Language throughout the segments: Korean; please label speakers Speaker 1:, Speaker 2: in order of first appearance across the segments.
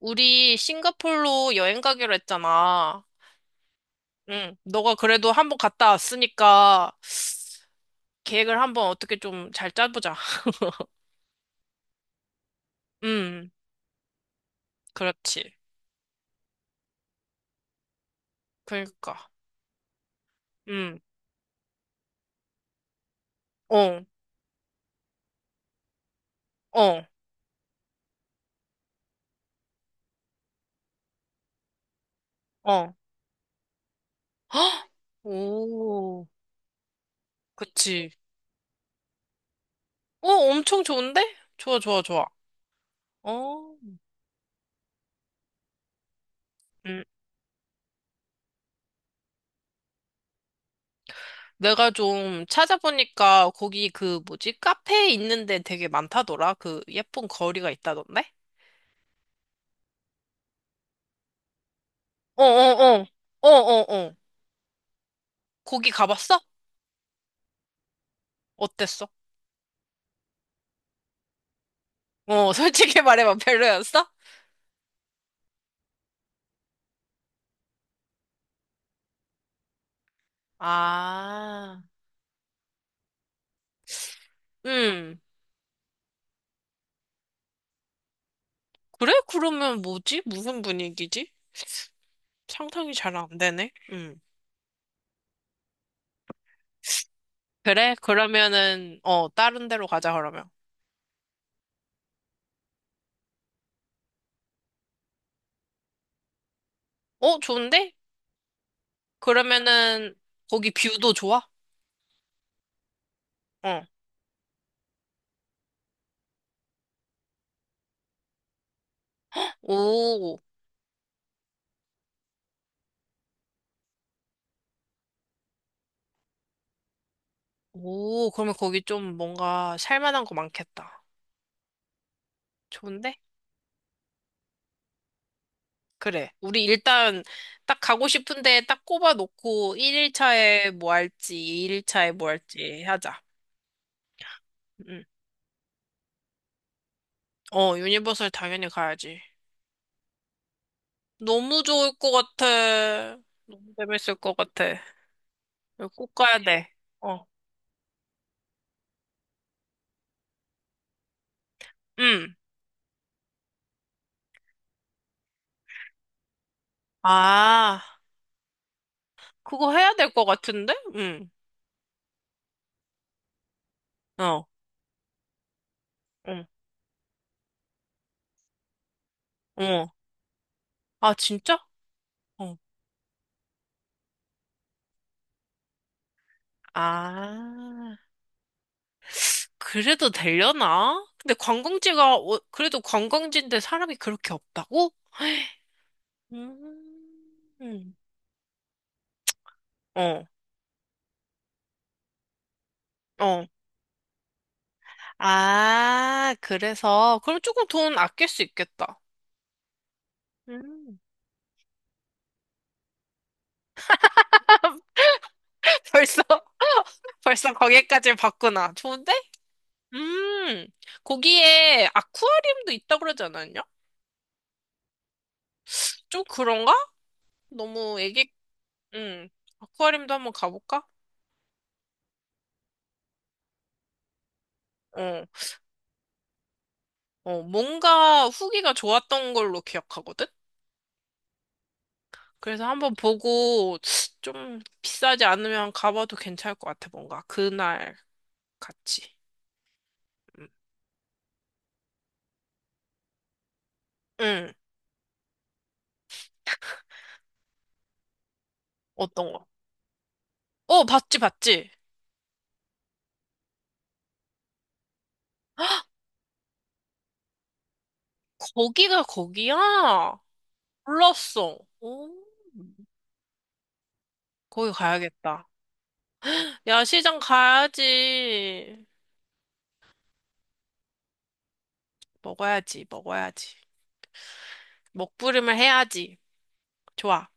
Speaker 1: 우리 싱가폴로 여행 가기로 했잖아. 응, 너가 그래도 한번 갔다 왔으니까 계획을 한번 어떻게 좀 잘 짜보자. 응, 그렇지. 그러니까, 응, 어, 어, 어. 헉! 오, 그치. 어, 엄청 좋은데? 좋아, 좋아, 좋아. 어, 음. 내가 좀 찾아보니까 거기 그 뭐지? 카페 있는데 되게 많다더라. 그 예쁜 거리가 있다던데? 어, 어, 어, 어, 어, 어. 거기 가봤어? 어땠어? 어, 솔직히 말해봐. 별로였어? 아, 음. 그래? 그러면 뭐지? 무슨 분위기지? 상상이 잘 안 되네. 음. 그래? 그러면은, 어, 다른 데로 가자, 그러면. 어, 좋은데? 그러면은, 거기 뷰도 좋아? 어. 오, 오, 그러면 거기 좀 뭔가 살만한 거 많겠다. 좋은데? 그래. 우리 일단 딱 가고 싶은데 딱 꼽아놓고 1일차에 뭐 할지, 2일차에 뭐 할지 하자. 음. 어, 유니버설 당연히 가야지. 너무 좋을 것 같아. 너무 재밌을 것 같아. 이거 꼭 가야 돼. 어, 응. 아, 그거 해야 될 것 같은데? 응. 어, 응, 어. 아, 진짜? 어. 아, 그래도 되려나? 근데 관광지가, 어, 그래도 관광지인데 사람이 그렇게 없다고? 음, 어, 어. 아, 그래서, 그럼 조금 돈 아낄 수 있겠다. 음. 벌써? 벌써 거기까지 봤구나. 좋은데? 음, 거기에 아쿠아리움도 있다고 그러지 않았냐? 좀 그런가? 너무 애기, 음, 아쿠아리움도 한번 가볼까? 어, 어, 뭔가 후기가 좋았던 걸로 기억하거든? 그래서 한번 보고 좀 비싸지 않으면 가봐도 괜찮을 것 같아, 뭔가. 그날 같이. 음, 음, 어떤 거? 어, 봤지, 봤지. 거기가 거기야? 몰랐어. 오. 거기 가야겠다. 야, 시장 가야지. 먹어야지, 먹어야지. 먹부림을 해야지. 좋아.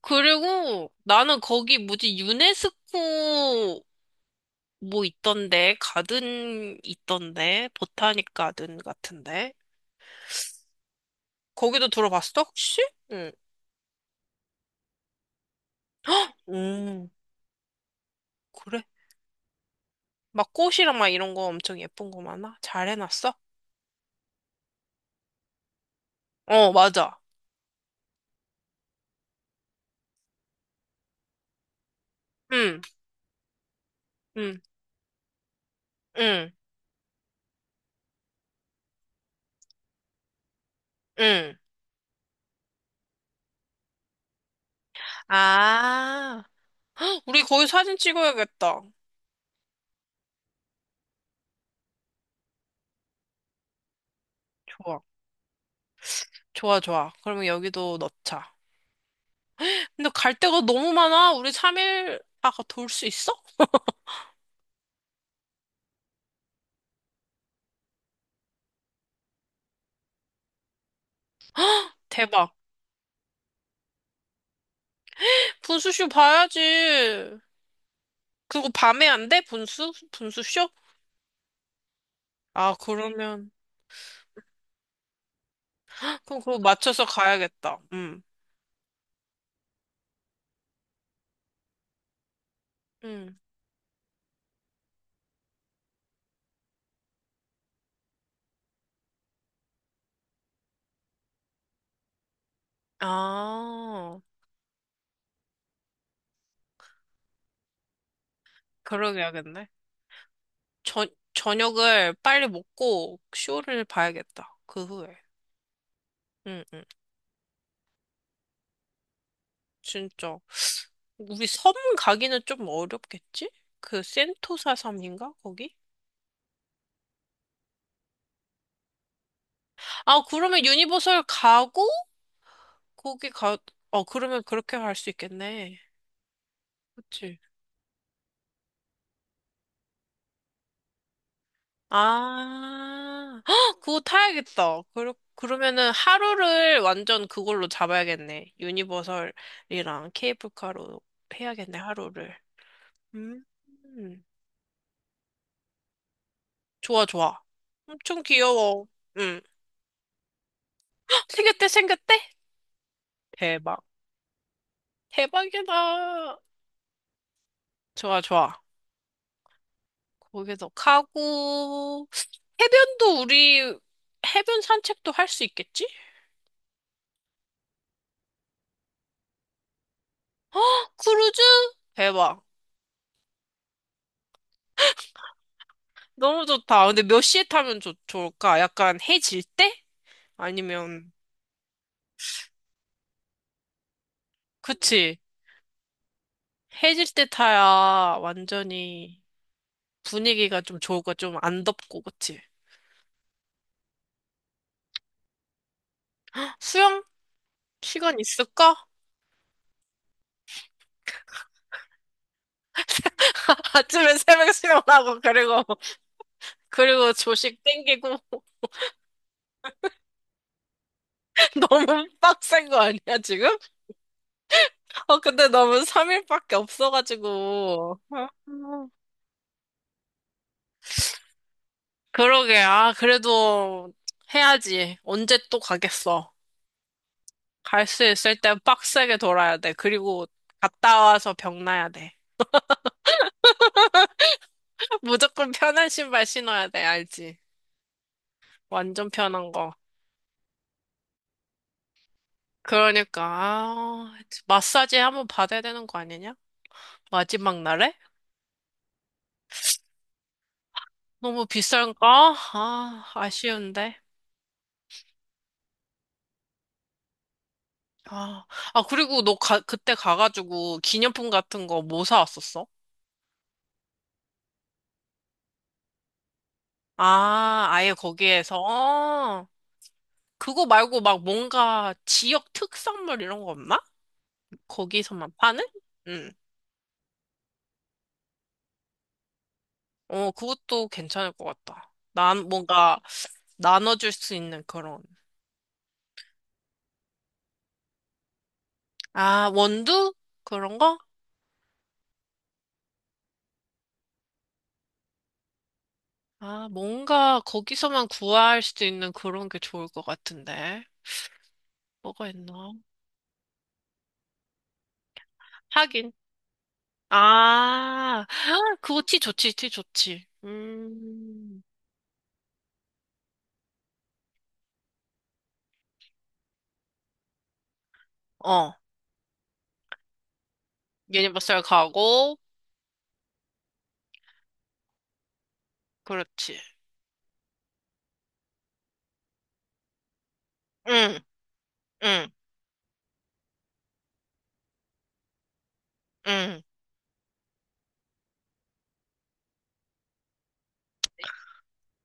Speaker 1: 그리고 나는 거기 뭐지, 유네스코 뭐 있던데, 가든 있던데, 보타닉 가든 같은데. 거기도 들어봤어, 혹시? 응. 음, 그래? 막 꽃이랑 막 이런 거 엄청 예쁜 거 많아? 잘 해놨어? 어, 맞아. 응, 응, 응, 응. 아, 헉, 우리 거기 사진 찍어야겠다. 좋아. 좋아, 좋아. 그러면 여기도 넣자. 근데 갈 데가 너무 많아. 우리 3일 아까 돌 수 있어? 대박. 분수쇼 봐야지. 그거 밤에 안 돼? 분수? 분수쇼? 아, 그러면. 그럼 그거 맞춰서 가야겠다. 응. 응. 아, 그러게야겠네. 저, 저녁을 빨리 먹고 쇼를 봐야겠다. 그 후에. 응, 응. 진짜. 우리 섬 가기는 좀 어렵겠지? 그 센토사 섬인가? 거기? 아, 그러면 유니버설 가고, 거기 가, 어, 그러면 그렇게 갈 수 있겠네. 그치? 아, 헉, 그거 타야겠다. 그러면은 하루를 완전 그걸로 잡아야겠네. 유니버설이랑 케이블카로 해야겠네, 하루를. 음, 음. 좋아, 좋아. 엄청 귀여워. 음. 헉, 생겼대, 생겼대? 대박. 대박이다. 좋아, 좋아. 거기서 가고, 해변도 우리 해변 산책도 할 수 있겠지? 크루즈? 대박. 너무 좋다. 근데 몇 시에 타면 좋을까? 약간 해질 때? 아니면, 그치. 해질 때 타야 완전히 분위기가 좀 좋을까? 좀 안 덥고, 그치? 수영? 시간 있을까? 아침에 새벽 수영하고, 그리고, 조식 땡기고, 너무 빡센 거 아니야, 지금? 어, 근데 너무 3일밖에 없어가지고. 어? 그러게. 아, 그래도 해야지. 언제 또 가겠어. 갈 수 있을 때 빡세게 돌아야 돼. 그리고 갔다 와서 병나야 돼. 무조건 편한 신발 신어야 돼. 알지? 완전 편한 거. 그러니까, 아, 마사지 한번 받아야 되는 거 아니냐? 마지막 날에? 너무 비싼가? 아, 아쉬운데. 아, 아, 그리고 너 가, 그때 가가지고 기념품 같은 거 뭐 사왔었어? 아, 아예 거기에서? 어. 그거 말고 막 뭔가 지역 특산물 이런 거 없나? 거기서만 파는? 응. 어, 그것도 괜찮을 것 같다. 난 뭔가 나눠줄 수 있는 그런. 아, 원두? 그런 거? 아, 뭔가 거기서만 구할 수 있는 그런 게 좋을 것 같은데. 뭐가 있나? 하긴. 아, 그거 티 좋지, 티 좋지. 음. 어, 유니버설 가고, 그렇지. 응, 응, 응.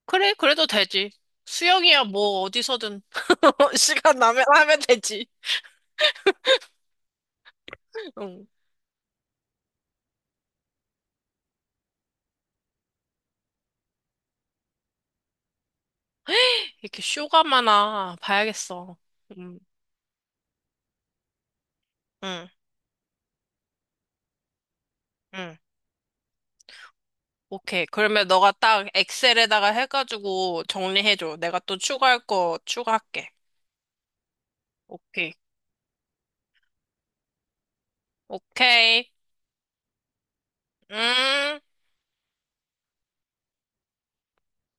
Speaker 1: 그래, 그래도 되지. 수영이야, 뭐, 어디서든. 시간 나면 하면 되지. 응. 이렇게 쇼가마나 봐야겠어. 응, 응, 응. 오케이. 그러면 너가 딱 엑셀에다가 해가지고 정리해줘. 내가 또 추가할 거 추가할게. 오케이. 오케이. 음.